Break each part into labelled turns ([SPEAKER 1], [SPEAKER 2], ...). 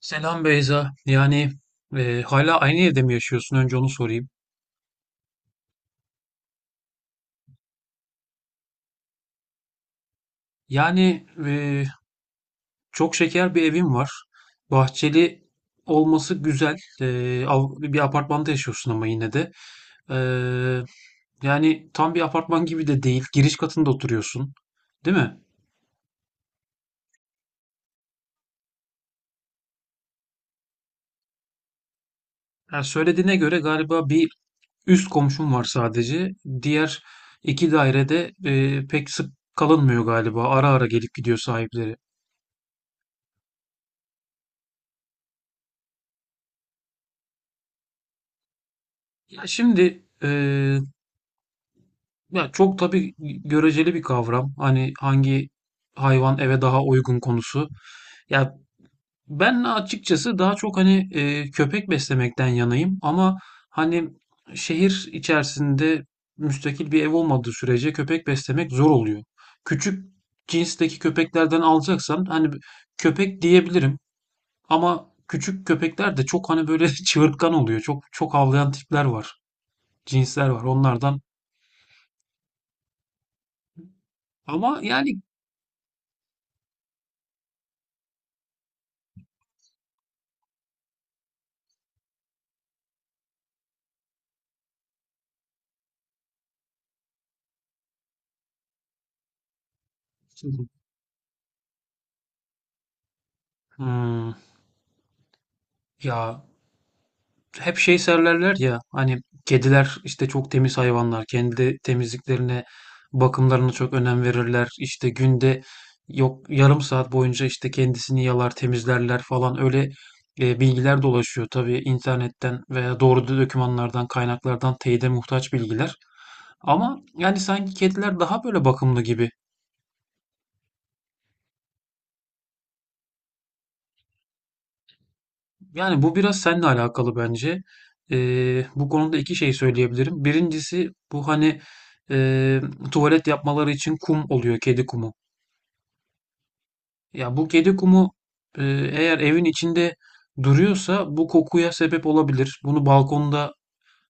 [SPEAKER 1] Selam Beyza. Yani hala aynı evde mi yaşıyorsun? Önce onu sorayım. Yani çok şeker bir evim var. Bahçeli olması güzel. Bir apartmanda yaşıyorsun ama yine de. E, Yani tam bir apartman gibi de değil. Giriş katında oturuyorsun, değil mi? Ya söylediğine göre galiba bir üst komşum var sadece. Diğer iki dairede pek sık kalınmıyor galiba. Ara ara gelip gidiyor sahipleri. Ya şimdi e, Ya çok tabii göreceli bir kavram. Hani hangi hayvan eve daha uygun konusu. Ya ben açıkçası daha çok hani köpek beslemekten yanayım ama hani şehir içerisinde müstakil bir ev olmadığı sürece köpek beslemek zor oluyor. Küçük cinsteki köpeklerden alacaksan hani köpek diyebilirim ama küçük köpekler de çok hani böyle çığırtkan oluyor. Çok çok havlayan tipler var, cinsler var onlardan. Ama yani. Hmm, Ya hep şey söylerler ya hani kediler işte çok temiz hayvanlar, kendi temizliklerine, bakımlarına çok önem verirler. İşte günde yok yarım saat boyunca işte kendisini yalar temizlerler falan, öyle bilgiler dolaşıyor tabii internetten veya doğru dokümanlardan, kaynaklardan teyide muhtaç bilgiler, ama yani sanki kediler daha böyle bakımlı gibi. Yani bu biraz seninle alakalı bence. Bu konuda iki şey söyleyebilirim. Birincisi, bu hani e, tuvalet yapmaları için kum oluyor, kedi kumu. Ya bu kedi kumu, e, eğer evin içinde duruyorsa bu kokuya sebep olabilir. Bunu balkonda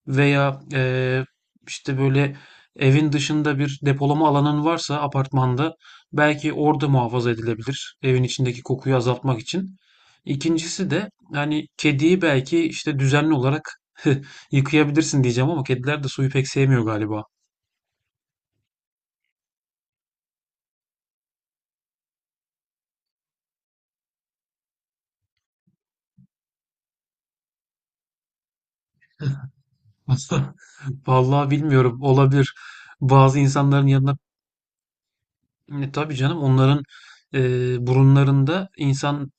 [SPEAKER 1] veya işte böyle evin dışında bir depolama alanın varsa apartmanda belki orada muhafaza edilebilir. Evin içindeki kokuyu azaltmak için. İkincisi de yani kediyi belki işte düzenli olarak yıkayabilirsin diyeceğim ama kediler de suyu pek sevmiyor galiba. Vallahi bilmiyorum, olabilir. Bazı insanların yanına. Tabii canım, onların e, burunlarında insan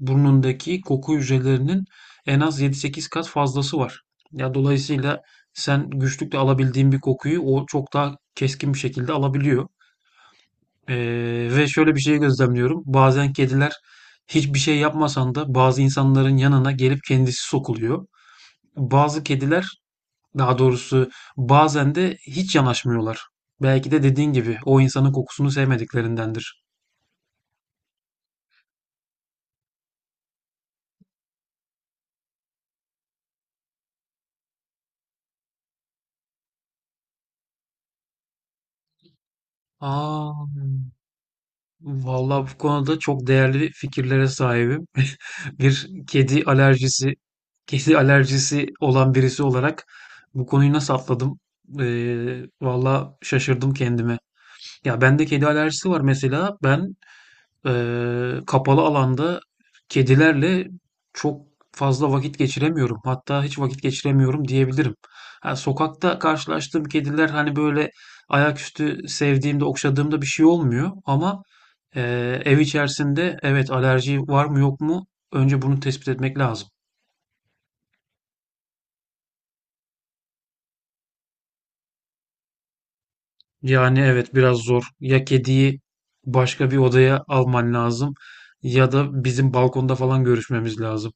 [SPEAKER 1] burnundaki koku hücrelerinin en az yedi sekiz kat fazlası var. Ya dolayısıyla sen güçlükle alabildiğin bir kokuyu o çok daha keskin bir şekilde alabiliyor. E, Ve şöyle bir şey gözlemliyorum. Bazen kediler hiçbir şey yapmasan da bazı insanların yanına gelip kendisi sokuluyor. Bazı kediler, daha doğrusu, bazen de hiç yanaşmıyorlar. Belki de dediğin gibi o insanın kokusunu sevmediklerindendir. Aa, vallahi bu konuda çok değerli fikirlere sahibim. Bir kedi alerjisi, Kedi alerjisi olan birisi olarak bu konuyu nasıl atladım? Vallahi şaşırdım kendime. Ya bende kedi alerjisi var mesela. Ben kapalı alanda kedilerle çok fazla vakit geçiremiyorum. Hatta hiç vakit geçiremiyorum diyebilirim. Ha, sokakta karşılaştığım kediler hani böyle ayaküstü sevdiğimde, okşadığımda bir şey olmuyor. Ama ev içerisinde evet alerji var mı yok mu, önce bunu tespit etmek lazım. Yani evet, biraz zor. Ya kediyi başka bir odaya alman lazım ya da bizim balkonda falan görüşmemiz lazım.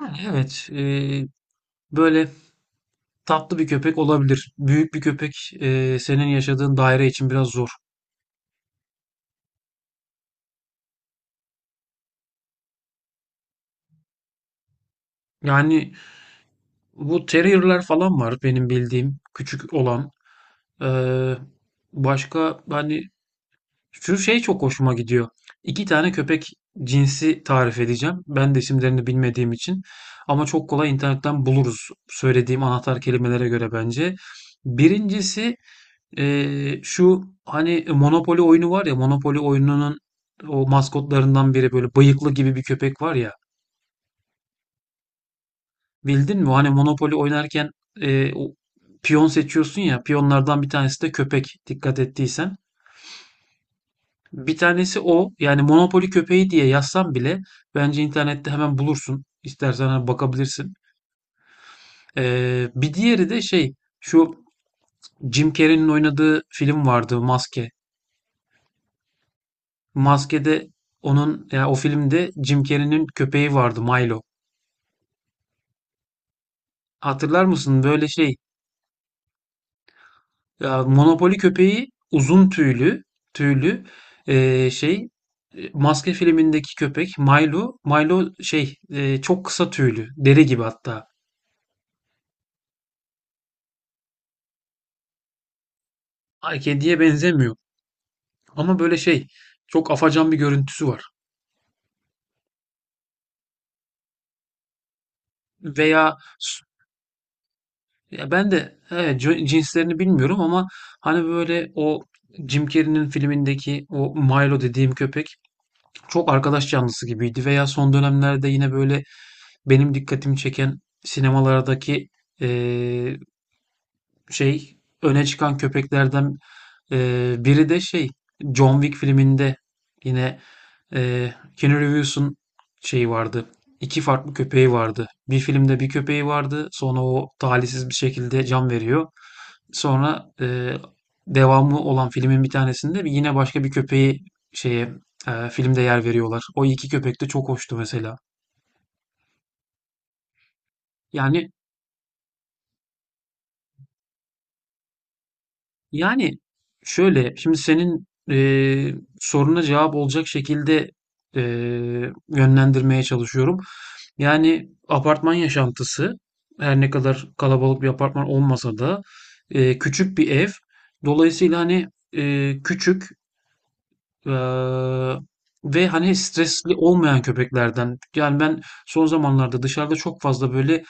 [SPEAKER 1] Yani evet, böyle tatlı bir köpek olabilir. Büyük bir köpek, senin yaşadığın daire için biraz zor. Yani bu terrier'ler falan var benim bildiğim küçük olan. Eee, Başka hani şu şey çok hoşuma gidiyor. İki tane köpek cinsi tarif edeceğim. Ben de isimlerini bilmediğim için. Ama çok kolay internetten buluruz söylediğim anahtar kelimelere göre bence. Birincisi. Şu hani Monopoly oyunu var ya, Monopoly oyununun o maskotlarından biri böyle bıyıklı gibi bir köpek var ya, bildin mi? Hani Monopoly oynarken o piyon seçiyorsun ya, piyonlardan bir tanesi de köpek, dikkat ettiysen. Bir tanesi o, yani Monopoly köpeği diye yazsan bile bence internette hemen bulursun. İstersen hani bakabilirsin. Bir diğeri de şey, şu Jim Carrey'nin oynadığı film vardı, Maske. Maskede onun, ya o filmde Jim Carrey'nin köpeği vardı, Milo. Hatırlar mısın? Böyle şey, ya Monopoly köpeği uzun tüylü, şey Maske filmindeki köpek Milo şey, çok kısa tüylü, deri gibi hatta. Ay, kediye benzemiyor ama böyle şey, çok afacan bir görüntüsü var. Veya s- ya ben de evet, cinslerini bilmiyorum ama hani böyle, o Jim Carrey'nin filmindeki o Milo dediğim köpek çok arkadaş canlısı gibiydi. Veya son dönemlerde yine böyle benim dikkatimi çeken sinemalardaki, eee, şey öne çıkan köpeklerden biri de şey, John Wick filminde yine Keanu Reeves'un şeyi vardı. İki farklı köpeği vardı. Bir filmde bir köpeği vardı. Sonra o talihsiz bir şekilde can veriyor. Sonra, devamı olan filmin bir tanesinde yine başka bir köpeği, şeye, filmde yer veriyorlar. O 2 köpek de çok hoştu mesela. Yani yani şöyle, şimdi senin, soruna cevap olacak şekilde, yönlendirmeye çalışıyorum. Yani apartman yaşantısı, her ne kadar kalabalık bir apartman olmasa da, küçük bir ev. Dolayısıyla hani, küçük. Eee, Ve hani stresli olmayan köpeklerden. Yani ben son zamanlarda dışarıda çok fazla böyle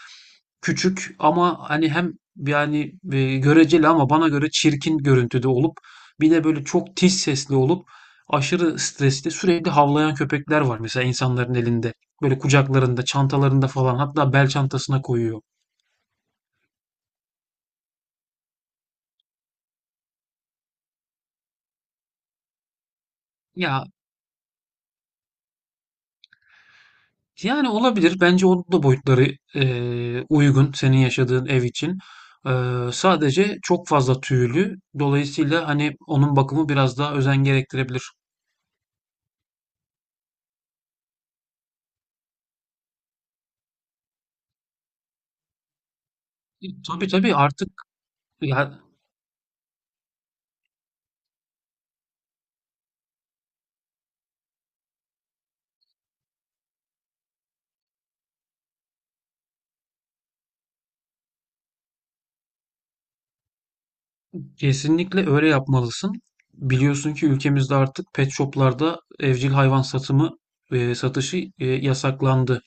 [SPEAKER 1] küçük ama hani, hem yani göreceli, ama bana göre çirkin görüntüde olup, bir de böyle çok tiz sesli olup aşırı stresli sürekli havlayan köpekler var mesela insanların elinde. Böyle kucaklarında, çantalarında falan, hatta bel çantasına koyuyor. Ya, yani olabilir. Bence onun da boyutları, uygun senin yaşadığın ev için. Sadece çok fazla tüylü. Dolayısıyla hani onun bakımı biraz daha özen gerektirebilir. Tabii tabii artık, ya, kesinlikle öyle yapmalısın. Biliyorsun ki ülkemizde artık pet shoplarda evcil hayvan satımı, satışı yasaklandı.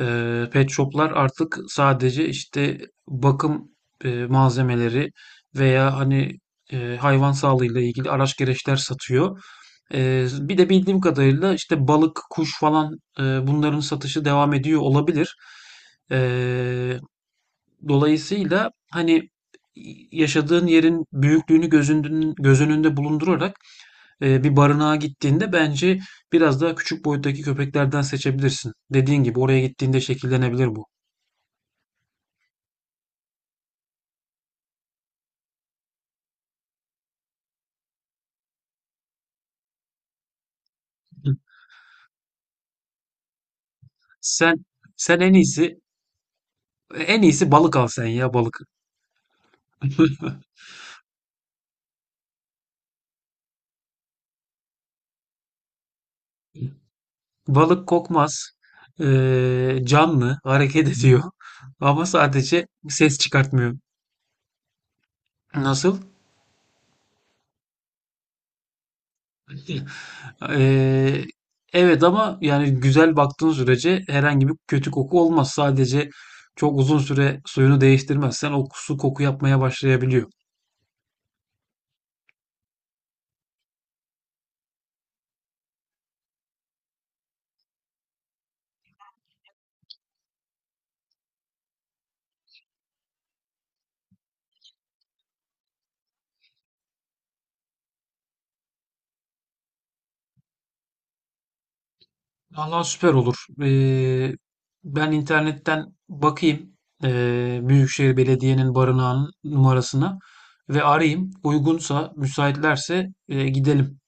[SPEAKER 1] Pet shop'lar artık sadece işte bakım, malzemeleri veya hani, hayvan sağlığıyla ilgili araç gereçler satıyor. Bir de bildiğim kadarıyla işte balık, kuş falan, bunların satışı devam ediyor olabilir. Eee, Dolayısıyla hani yaşadığın yerin büyüklüğünü gözündün göz önünde bulundurarak, bir barınağa gittiğinde bence biraz daha küçük boyuttaki köpeklerden seçebilirsin. Dediğin gibi oraya gittiğinde şekillenebilir bu. Sen sen en iyisi balık al sen, ya balık. Balık kokmaz. Canlı, hareket ediyor. Ama sadece ses çıkartmıyor. Nasıl? Ee, evet, ama yani güzel baktığın sürece herhangi bir kötü koku olmaz. Sadece çok uzun süre suyunu değiştirmezsen o su koku yapmaya başlayabiliyor. Vallahi süper olur. Ee, Ben internetten bakayım, Büyükşehir Belediye'nin barınağının numarasına ve arayayım. Uygunsa, müsaitlerse gidelim.